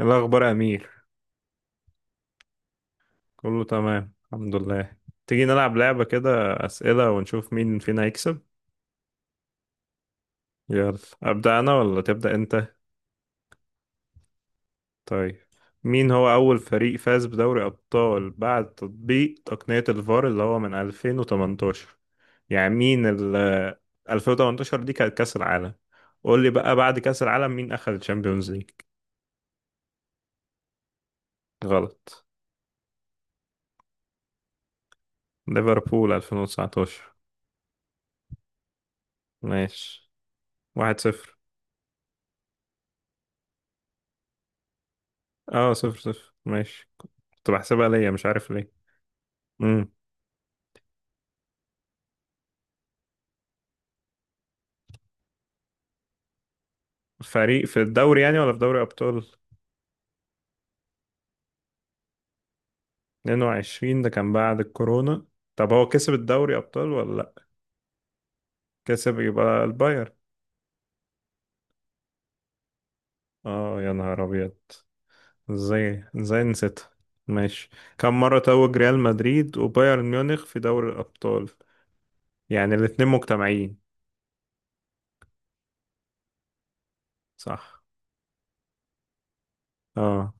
إيه الأخبار يا أمير؟ كله تمام الحمد لله. تيجي نلعب لعبة كده، أسئلة ونشوف مين فينا هيكسب. يلا أبدأ أنا ولا تبدأ أنت؟ طيب، مين هو أول فريق فاز بدوري أبطال بعد تطبيق تقنية الفار، اللي هو من 2018؟ يعني مين ال 2018 دي كانت كأس العالم، قول لي بقى بعد كأس العالم مين أخذ الشامبيونز ليج؟ غلط. ليفربول 2019. ماشي. واحد صفر. اه صفر صفر ماشي. كنت بحسبها ليا، مش عارف ليه. امم فريق في الدوري يعني ولا في دوري ابطال؟ 22 ده كان بعد الكورونا، طب هو كسب الدوري ابطال ولا لا؟ كسب، يبقى الباير. اه يا نهار ابيض. ازاي ازاي نسيتها. ماشي. كم مرة توج ريال مدريد وبايرن ميونخ في دوري الابطال؟ يعني الاتنين مجتمعين. صح. اه.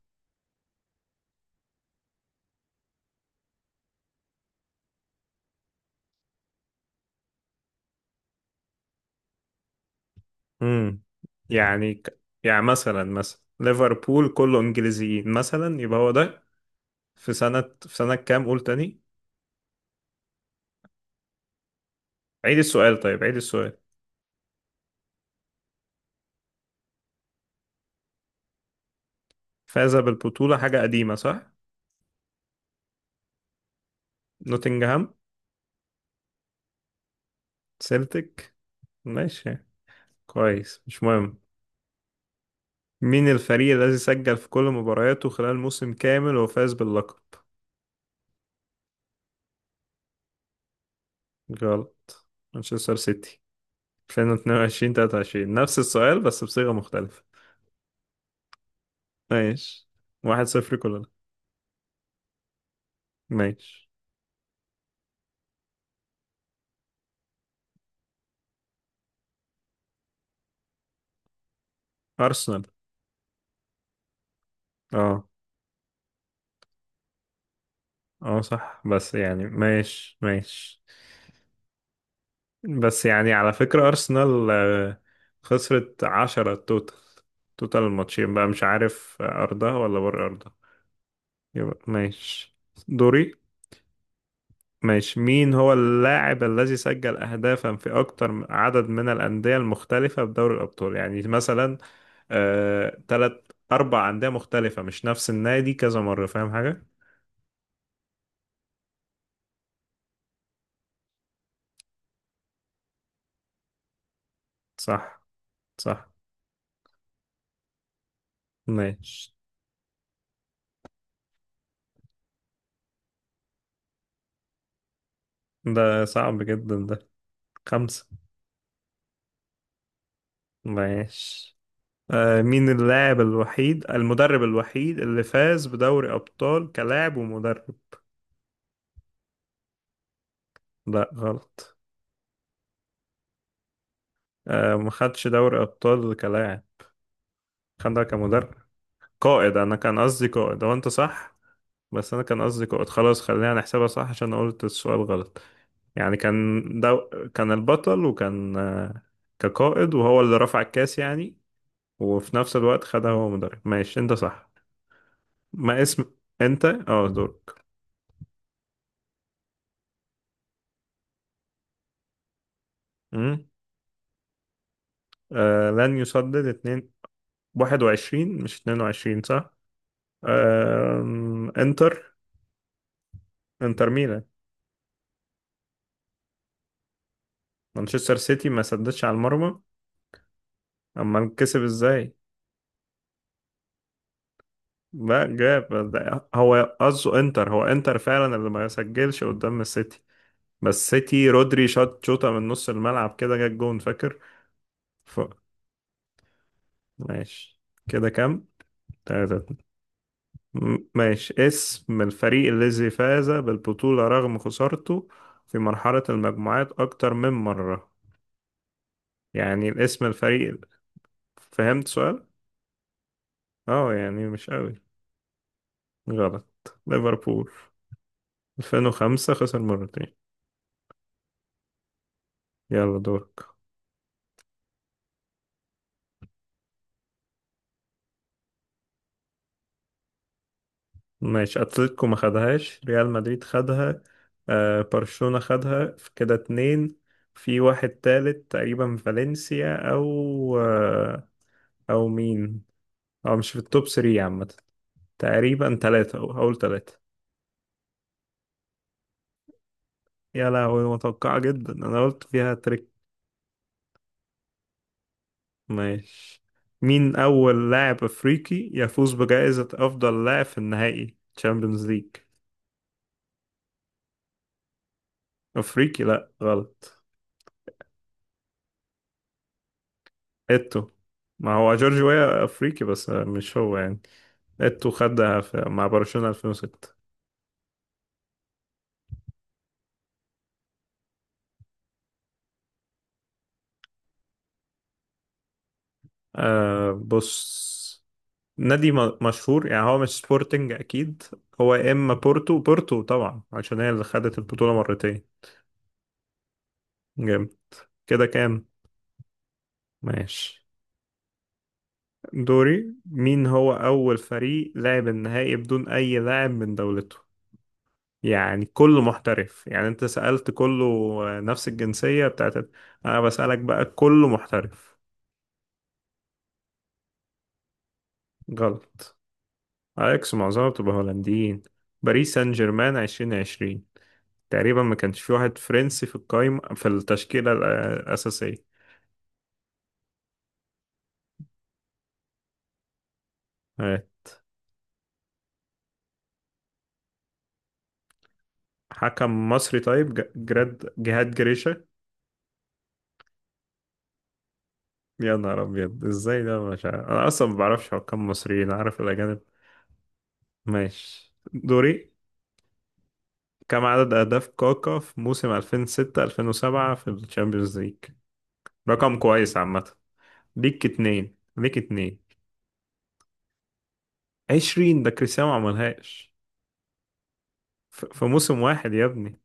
امم يعني يعني مثلا، مثلا ليفربول كله انجليزيين مثلا، يبقى هو ده. في سنة كام؟ قول تاني. عيد السؤال، طيب عيد السؤال. فاز بالبطولة حاجة قديمة صح؟ نوتنجهام. سيلتيك. ماشي، كويس، مش مهم. مين الفريق الذي سجل في كل مبارياته خلال موسم كامل وفاز باللقب؟ غلط. مانشستر سيتي 2022 23، نفس السؤال بس بصيغة مختلفة. ماشي. واحد صفر كلنا. ماشي. أرسنال. اه. اه صح، بس يعني ماشي ماشي. بس يعني على فكرة أرسنال خسرت 10 توتال، توتال الماتشين بقى مش عارف أرضها ولا بره أرضها. يبقى ماشي. دوري. ماشي. مين هو اللاعب الذي سجل أهدافا في أكتر عدد من الأندية المختلفة بدوري الأبطال؟ يعني مثلا تلات أربع أندية مختلفة، مش نفس النادي كذا مرة. فاهم حاجة؟ صح. صح. ماشي. ده صعب جدا ده. خمسة. ماشي. مين اللاعب الوحيد، المدرب الوحيد اللي فاز بدوري أبطال كلاعب ومدرب؟ لا غلط. ما خدش دوري أبطال كلاعب، خدها كمدرب. قائد، أنا كان قصدي قائد، هو أنت صح. بس أنا كان قصدي قائد، خلاص خلينا نحسبها صح عشان أنا قلت السؤال غلط. يعني كان البطل، وكان كقائد وهو اللي رفع الكاس يعني، وفي نفس الوقت خدها هو مدرب. ماشي أنت صح. ما اسم. أنت اه دورك. مم. آه لن يسدد. 2-2. 21 مش 22 صح؟ انتر. انتر ميلان. مانشستر سيتي ما سددش على المرمى؟ اما كسب ازاي. لا هو قصده انتر، هو انتر فعلا اللي ما سجلش قدام السيتي. بس سيتي رودري شاط شوطة من نص الملعب كده، جت جون، فاكر؟ ف... ماشي. كده كام؟ تلاتة اتنين. ماشي. اسم الفريق الذي فاز بالبطولة رغم خسارته في مرحلة المجموعات أكتر من مرة. يعني الاسم الفريق. فهمت سؤال؟ اه يعني مش قوي. غلط. ليفربول 2005، خسر مرتين. يلا دورك. ماشي اتلتيكو ما خدهاش، ريال مدريد خدها، آه برشلونة خدها، في كده اتنين. في واحد تالت تقريبا، فالنسيا او آه او مين او مش في التوب 3 عامة. تقريبا تلاتة، او اول تلاتة. يا لهوي، متوقعة جدا انا قلت فيها. ماشي. مين أول لاعب أفريقي يفوز بجائزة أفضل لاعب في النهائي تشامبيونز ليج؟ أفريقي، لأ غلط. إتو. ما هو جورج ويا أفريقي بس مش هو يعني. إتو خدها في مع برشلونة 2006. آه بص، نادي مشهور يعني، هو مش سبورتنج أكيد. هو يا إما بورتو، بورتو طبعا عشان هي اللي خدت البطولة مرتين. جامد. كده كام؟ ماشي. دوري. مين هو أول فريق لعب النهائي بدون أي لاعب من دولته؟ يعني كله محترف. يعني أنت سألت كله نفس الجنسية بتاعت، أنا بسألك بقى كله محترف. غلط. أياكس معظمها بتبقى هولنديين. باريس سان جيرمان 2020، تقريبا ما كانش في واحد فرنسي في القايمة، في التشكيلة الأساسية. آه، حكم مصري؟ طيب جراد، جهاد جريشة. يا نهار أبيض، إزاي ده مش عارف. أنا أصلا ما بعرفش حكام مصريين، عارف الأجانب. ماشي. دوري. كم عدد أهداف كاكا في موسم 2006 2007 في الشامبيونز ليج؟ رقم كويس عامة. ليك اتنين. عشرين ده كريستيانو ما عملهاش في موسم واحد يا ابني.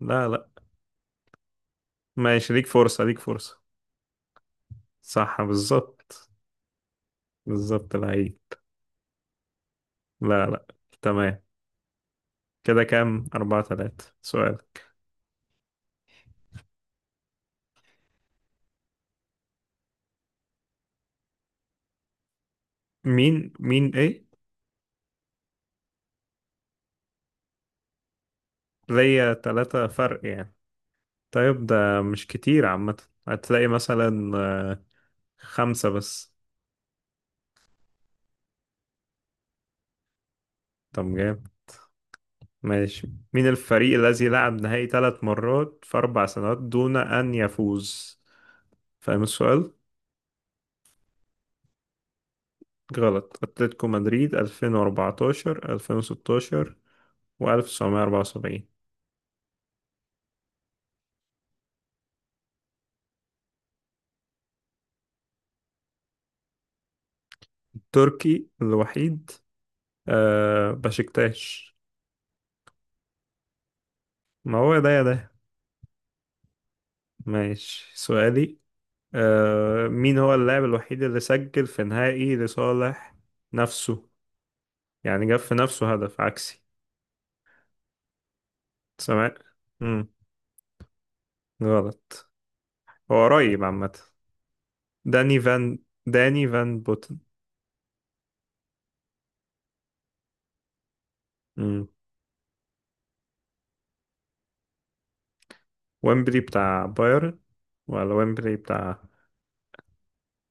لا لا. ماشي، ليك فرصة. صح بالظبط. بالظبط لعيب. لا لا. تمام. كده كام؟ أربعة تلاتة. سؤالك. مين ايه؟ ليا تلاتة فرق يعني. طيب ده مش كتير عامة، هتلاقي مثلا خمسة بس. طب جامد. ماشي. مين الفريق الذي لعب نهائي ثلاث مرات في أربع سنوات دون أن يفوز؟ فاهم السؤال؟ غلط. أتلتيكو مدريد 2014 2016 و1974. تركي الوحيد؟ آه بشكتاش. ما هو ده يا ده. ماشي. سؤالي. آه مين هو اللاعب الوحيد اللي سجل في نهائي لصالح نفسه؟ يعني جاب في نفسه هدف عكسي. سمع؟ مم. غلط. هو قريب عامة. داني فان، داني فان بوتن. مم. ويمبلي بتاع بايرن، ولا ويمبلي بتاع؟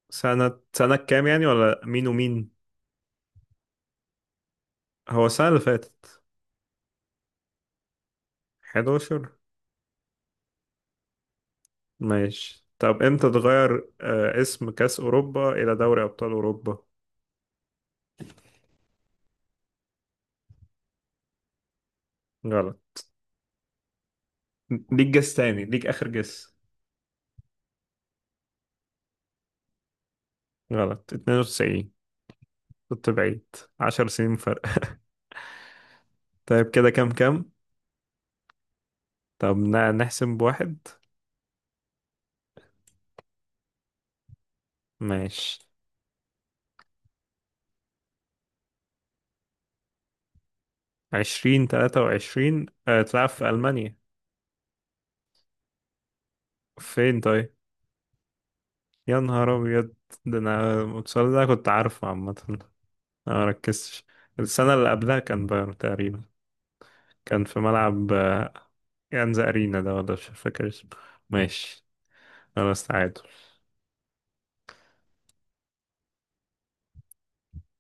سنة كام يعني، ولا مين ومين؟ هو السنة اللي فاتت. 11. ماشي. طب امتى اتغير اسم كأس أوروبا إلى دوري أبطال أوروبا؟ غلط. ليك جس تاني، ليك آخر جس. غلط، 92. كنت بعيد، 10 سنين فرق. طيب كده كام؟ طب نحسب بواحد. ماشي. 2023، تلعب في ألمانيا. فين طيب؟ يا نهار أبيض. ده أنا الماتشات ده كنت عارفه عامة، أنا مركزتش. السنة اللي قبلها كان بايرن تقريبا، كان في ملعب يانز أرينا ده، ولا مش فاكر اسمه. ماشي، خلاص تعادل.